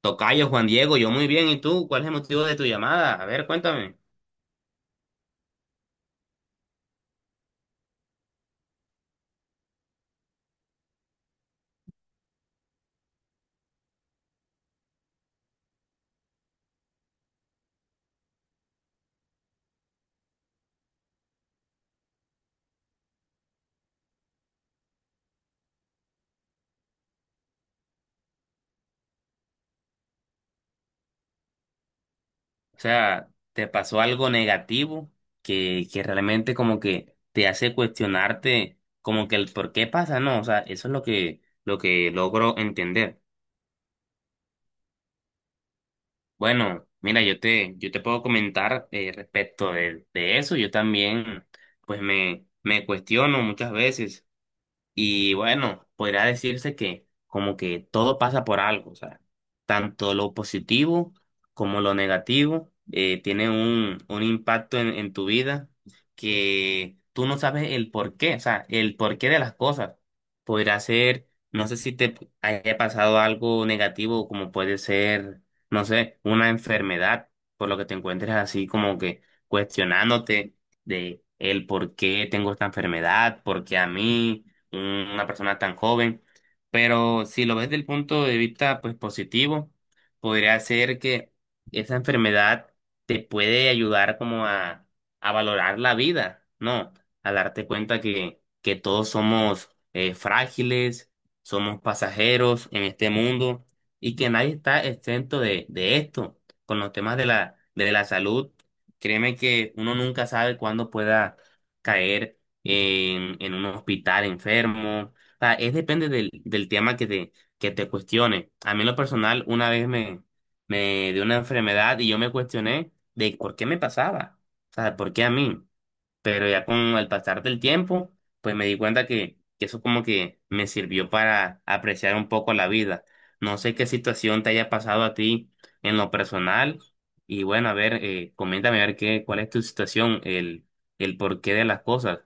Tocayo Juan Diego, yo muy bien. ¿Y tú? ¿Cuál es el motivo de tu llamada? A ver, cuéntame. O sea, ¿te pasó algo negativo que realmente como que te hace cuestionarte como que el por qué pasa? No, o sea, eso es lo que logro entender. Bueno, mira, yo te puedo comentar respecto de eso. Yo también, pues me cuestiono muchas veces. Y bueno, podría decirse que como que todo pasa por algo. O sea, tanto lo positivo como lo negativo tiene un impacto en tu vida, que tú no sabes el por qué, o sea, el porqué de las cosas. Podría ser, no sé si te haya pasado algo negativo, como puede ser, no sé, una enfermedad, por lo que te encuentres así como que cuestionándote de el por qué tengo esta enfermedad, por qué a mí, una persona tan joven. Pero si lo ves del punto de vista pues positivo, podría ser que esa enfermedad te puede ayudar como a valorar la vida, ¿no? A darte cuenta que todos somos frágiles, somos pasajeros en este mundo y que nadie está exento de esto. Con los temas de la salud, créeme que uno nunca sabe cuándo pueda caer en un hospital enfermo. O sea, es depende del tema que te cuestione. A mí en lo personal, una vez me, me dio una enfermedad y yo me cuestioné de por qué me pasaba. O sea, ¿por qué a mí? Pero ya con el pasar del tiempo, pues me di cuenta que eso como que me sirvió para apreciar un poco la vida. No sé qué situación te haya pasado a ti en lo personal. Y bueno, a ver, coméntame a ver qué, cuál es tu situación, el porqué de las cosas.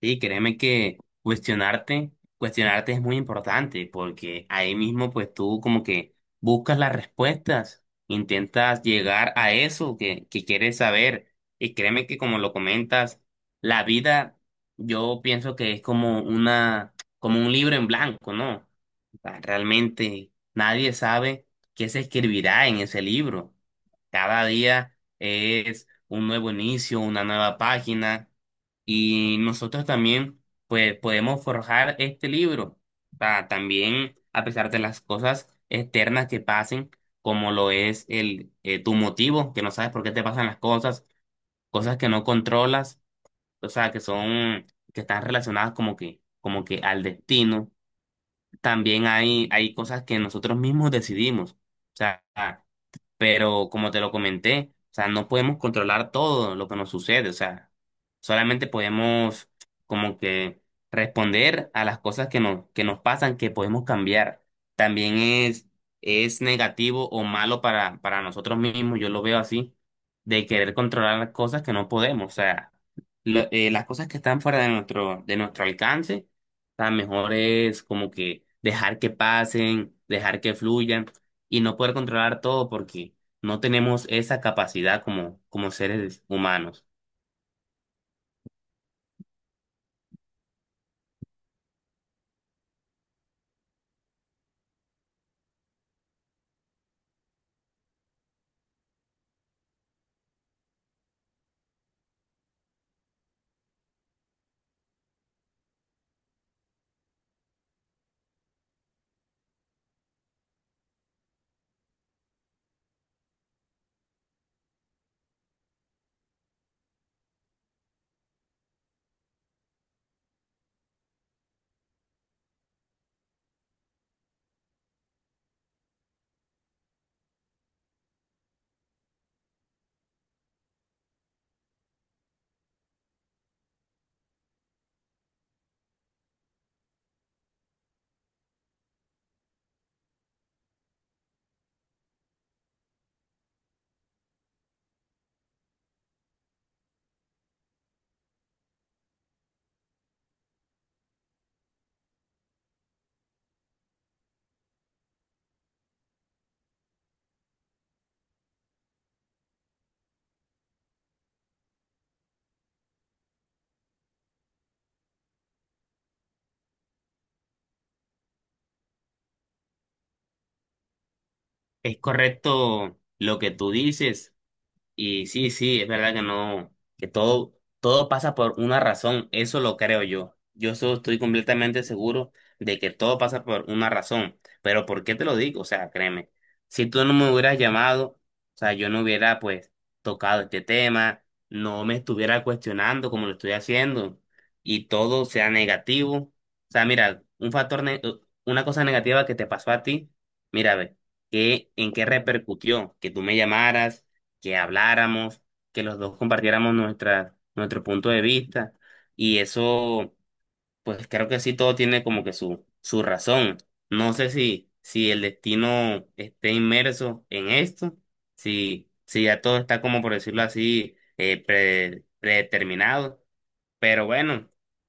Sí, créeme que cuestionarte, cuestionarte es muy importante, porque ahí mismo pues tú como que buscas las respuestas, intentas llegar a eso que quieres saber. Y créeme que, como lo comentas, la vida yo pienso que es como una, como un libro en blanco, ¿no? Ah, realmente nadie sabe qué se escribirá en ese libro. Cada día es un nuevo inicio, una nueva página, y nosotros también pues podemos forjar este libro. Ah, también, a pesar de las cosas externas que pasen, como lo es el tu motivo, que no sabes por qué te pasan las cosas, cosas que no controlas, o sea, que son que están relacionadas como que al destino, también hay cosas que nosotros mismos decidimos. O sea, pero como te lo comenté, o sea, no podemos controlar todo lo que nos sucede. O sea, solamente podemos como que responder a las cosas que nos pasan, que podemos cambiar. También es negativo o malo para nosotros mismos, yo lo veo así, de querer controlar las cosas que no podemos. O sea, las cosas que están fuera de nuestro alcance. O sea, mejor es como que dejar que pasen, dejar que fluyan, y no poder controlar todo, porque no tenemos esa capacidad como, como seres humanos. Es correcto lo que tú dices. Y sí, sí, es verdad que no, que todo, todo pasa por una razón, eso lo creo yo. Estoy completamente seguro de que todo pasa por una razón. Pero ¿por qué te lo digo? O sea, créeme, si tú no me hubieras llamado, o sea, yo no hubiera pues tocado este tema, no me estuviera cuestionando como lo estoy haciendo y todo sea negativo. O sea, mira, una cosa negativa que te pasó a ti, mira, ve, ¿qué, en qué repercutió? Que tú me llamaras, que habláramos, que los dos compartiéramos nuestra, nuestro punto de vista. Y eso, pues creo que sí, todo tiene como que su razón. No sé si, si el destino esté inmerso en esto, si, si ya todo está, como por decirlo así, predeterminado. Pero bueno,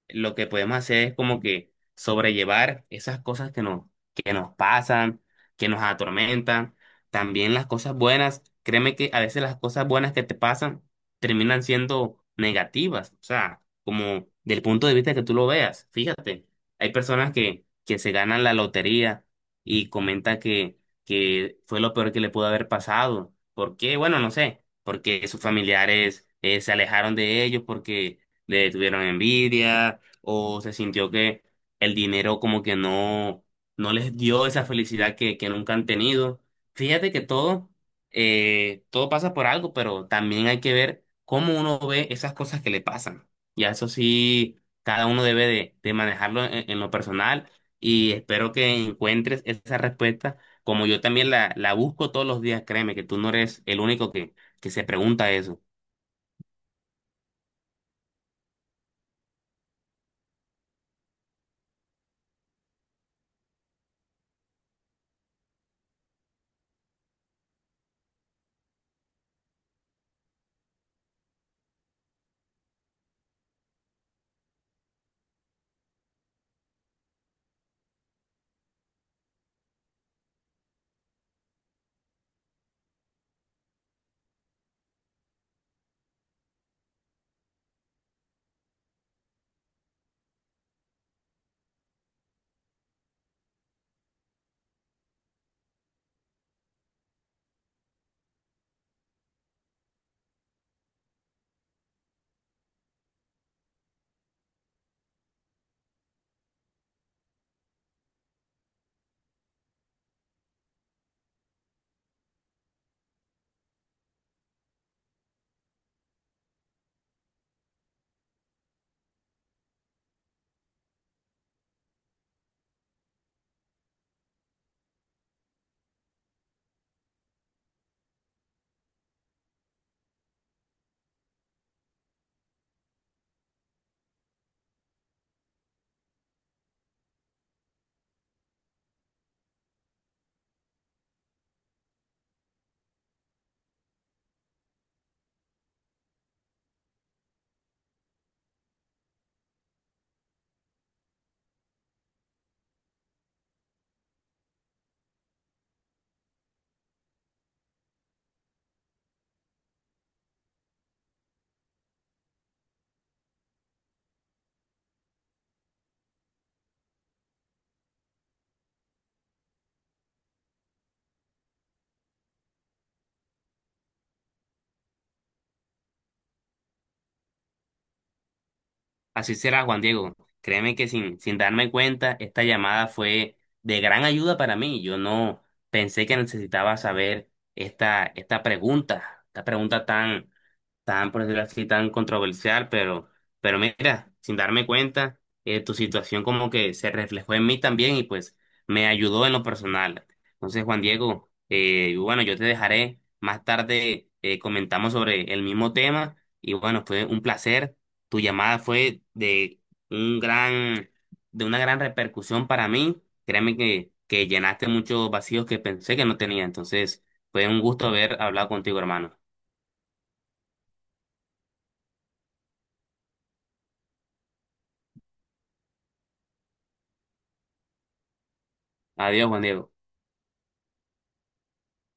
lo que podemos hacer es como que sobrellevar esas cosas que nos pasan, que nos atormentan, también las cosas buenas. Créeme que a veces las cosas buenas que te pasan terminan siendo negativas, o sea, como del punto de vista que tú lo veas. Fíjate, hay personas que se ganan la lotería y comentan que fue lo peor que le pudo haber pasado. ¿Por qué? Bueno, no sé, porque sus familiares se alejaron de ellos, porque le tuvieron envidia, o se sintió que el dinero como que no, no les dio esa felicidad que nunca han tenido. Fíjate que todo, todo pasa por algo, pero también hay que ver cómo uno ve esas cosas que le pasan. Y a eso sí, cada uno debe de manejarlo en lo personal, y espero que encuentres esa respuesta. Como yo también la busco todos los días, créeme que tú no eres el único que se pregunta eso. Así será, Juan Diego. Créeme que sin darme cuenta, esta llamada fue de gran ayuda para mí. Yo no pensé que necesitaba saber esta, esta pregunta tan, tan, por decirlo así, tan controversial. Pero mira, sin darme cuenta, tu situación como que se reflejó en mí también y pues me ayudó en lo personal. Entonces, Juan Diego, bueno, yo te dejaré más tarde, comentamos sobre el mismo tema, y bueno, fue un placer. Tu llamada fue de un gran, de una gran repercusión para mí. Créeme que llenaste muchos vacíos que pensé que no tenía. Entonces, fue un gusto haber hablado contigo, hermano. Adiós, Juan Diego.